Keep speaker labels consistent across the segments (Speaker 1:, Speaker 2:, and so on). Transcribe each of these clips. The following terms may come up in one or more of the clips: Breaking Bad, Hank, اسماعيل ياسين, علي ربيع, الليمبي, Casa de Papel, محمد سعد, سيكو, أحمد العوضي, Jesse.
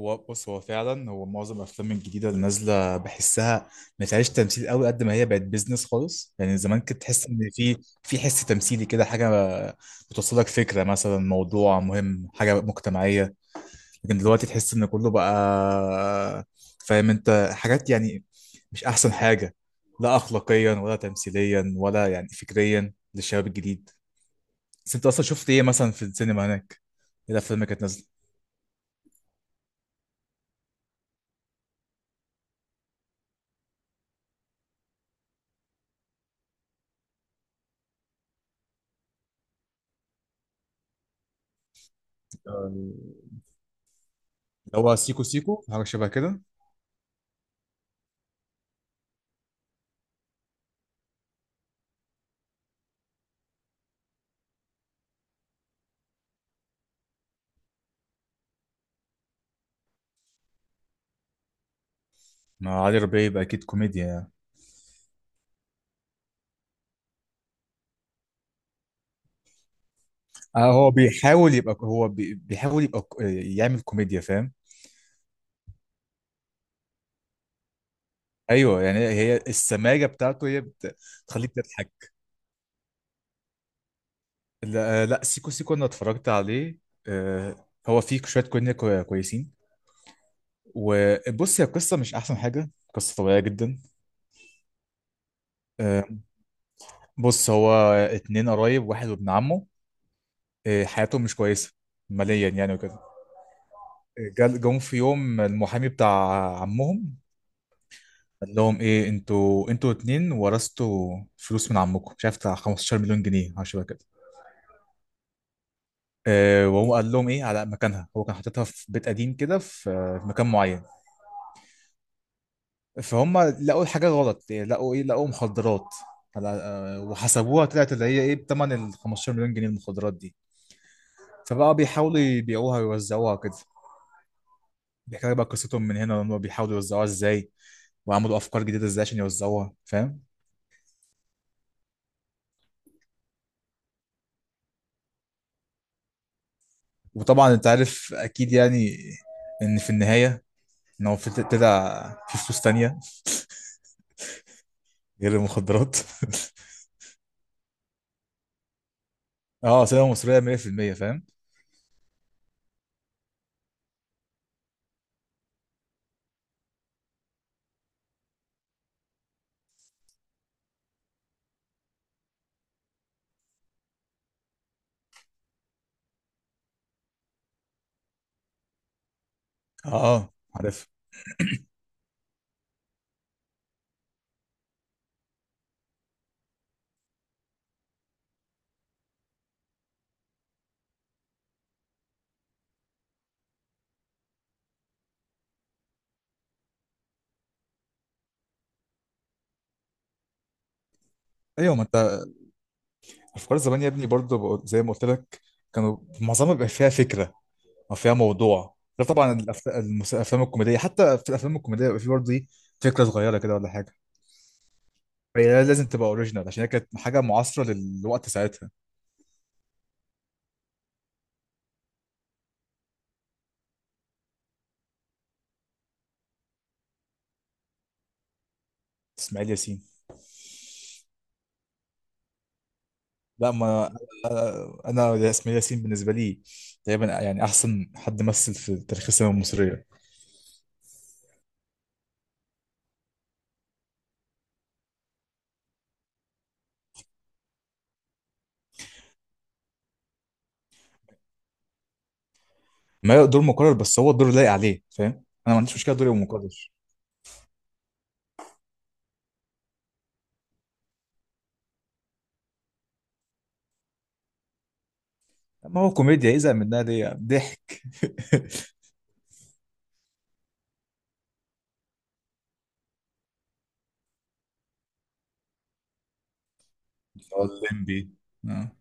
Speaker 1: هو بص، هو فعلا معظم الافلام الجديده اللي نازله بحسها ما فيهاش تمثيل قوي، قد ما هي بقت بيزنس خالص. يعني زمان كنت تحس ان في حس تمثيلي كده، حاجه بتوصلك فكره، مثلا موضوع مهم، حاجه مجتمعيه. لكن دلوقتي تحس ان كله بقى، فاهم انت، حاجات يعني مش احسن حاجه، لا اخلاقيا ولا تمثيليا ولا يعني فكريا للشباب الجديد. بس انت اصلا شفت ايه مثلا في السينما هناك؟ ايه الافلام اللي كانت نازله؟ اللي هو سيكو سيكو حاجه شبه كده. ما علي ربيع يبقى اكيد كوميديا يعني. آه هو بيحاول يبقى، بيحاول يعمل كوميديا، فاهم. ايوه، يعني هي السماجه بتاعته هي بتخليك تضحك. لا، آه، لا سيكو سيكو انا اتفرجت عليه. آه هو فيه شويه كوميديا كويسين. وبص، هي القصه مش احسن حاجه، قصه طبيعيه جدا. آه، بص هو اتنين قرايب، واحد وابن عمه. آه حياتهم مش كويسه ماليا يعني وكده. جم في يوم المحامي بتاع عمهم، قال لهم ايه، انتوا اتنين ورثتوا فلوس من عمكم، مش عارف بتاع 15 مليون جنيه حاجه شبه كده. آه، وهو قال لهم ايه على مكانها، هو كان حاططها في بيت قديم كده، في في مكان معين. فهم لقوا حاجه غلط إيه، لقوا ايه، لقوا مخدرات على، آه، وحسبوها طلعت اللي هي ايه، بتمن ال 15 مليون جنيه المخدرات دي. فبقى بيحاولوا يبيعوها ويوزعوها كده. بيحكي لك بقى قصتهم من هنا، لما بيحاولوا يوزعوها ازاي، وعملوا افكار جديده ازاي عشان يوزعوها، فاهم. وطبعا انت عارف اكيد يعني، ان في النهايه، ان هو في طلع في فلوس تانية غير المخدرات اه سينما مصرية 100%، فاهم. اه اه عارف. ايوه، ما انت افكار زمان يا ابني، برضه زي ما قلت لك، كانوا معظمها بيبقى فيها فكرة او فيها موضوع، غير طبعا الافلام الكوميدية. حتى في الافلام الكوميدية بيبقى في برضه ايه، فكرة صغيرة كده ولا حاجة. هي لازم تبقى اوريجينال، عشان هي كانت حاجة معاصرة للوقت ساعتها. اسماعيل ياسين. لا، ما انا أنا اسماعيل ياسين بالنسبه لي تقريبا يعني احسن حد مثل في تاريخ السينما المصريه. ما هو دور مكرر بس هو الدور لايق عليه، فاهم. انا ما عنديش مشكله دوري يبقى مكرر. ما هو كوميديا، يزهق منها ليه؟ ضحك. هو الليمبي. آه.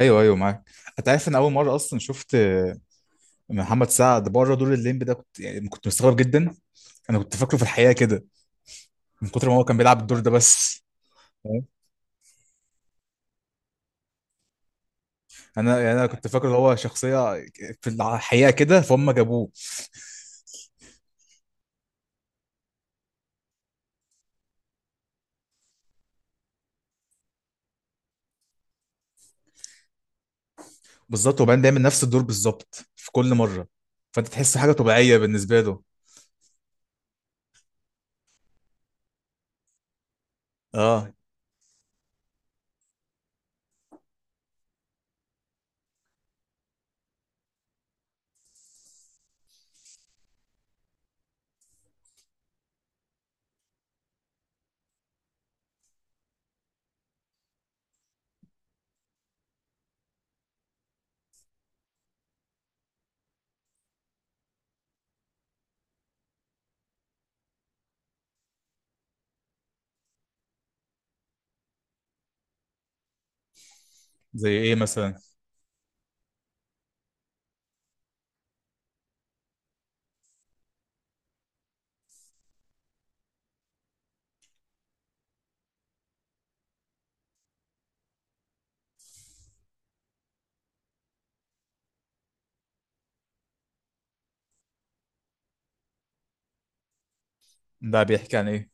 Speaker 1: ايوه ايوه معاك. انت عارف ان اول مره اصلا شفت محمد سعد بره دور الليمبي ده، كنت مستغرب جدا. انا كنت فاكره في الحقيقه كده، من كتر ما هو كان بيلعب الدور ده بس. انا كنت فاكر ان هو شخصيه في الحقيقه كده، فهم جابوه. بالظبط، وبعدين دايما نفس الدور بالظبط في كل مره، فانت تحس حاجه طبيعيه بالنسبه له. اه. زي ايه مثلا؟ ده بيحكي عن ايه؟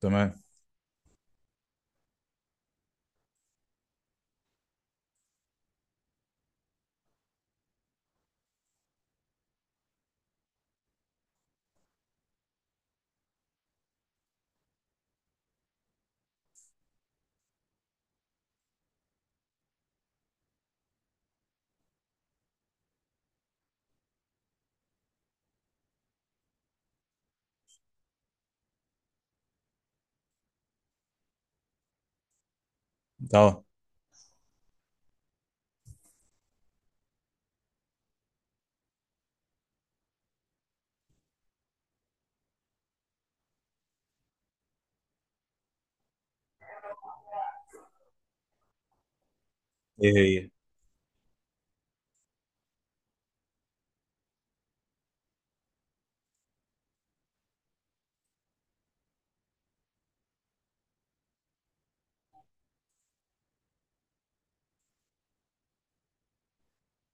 Speaker 1: تمام. اه. ايه هي؟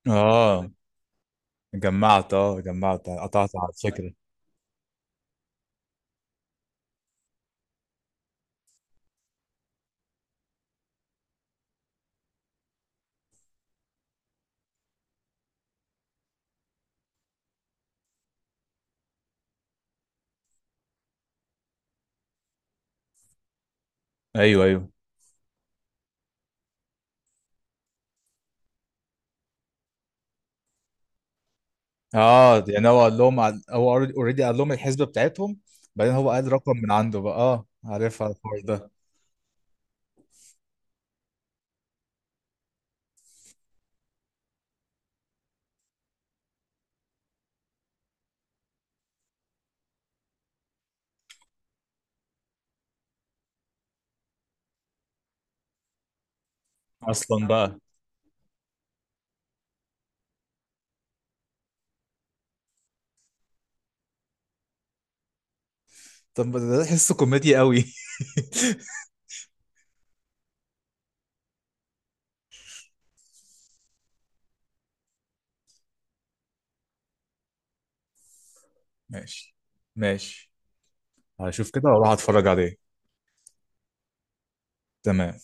Speaker 1: اه جمعت قطعت على الفكره. ايوه ايوه. اه يعني هو هو اوريدي قال لهم الحسبه بتاعتهم، بعدين هو قال رقم من عنده بقى، اه عارفها الحوار ده اصلا بقى. طب ده تحسه كوميديا قوي ماشي، ماشي، هشوف كده واروح اتفرج عليه. تمام.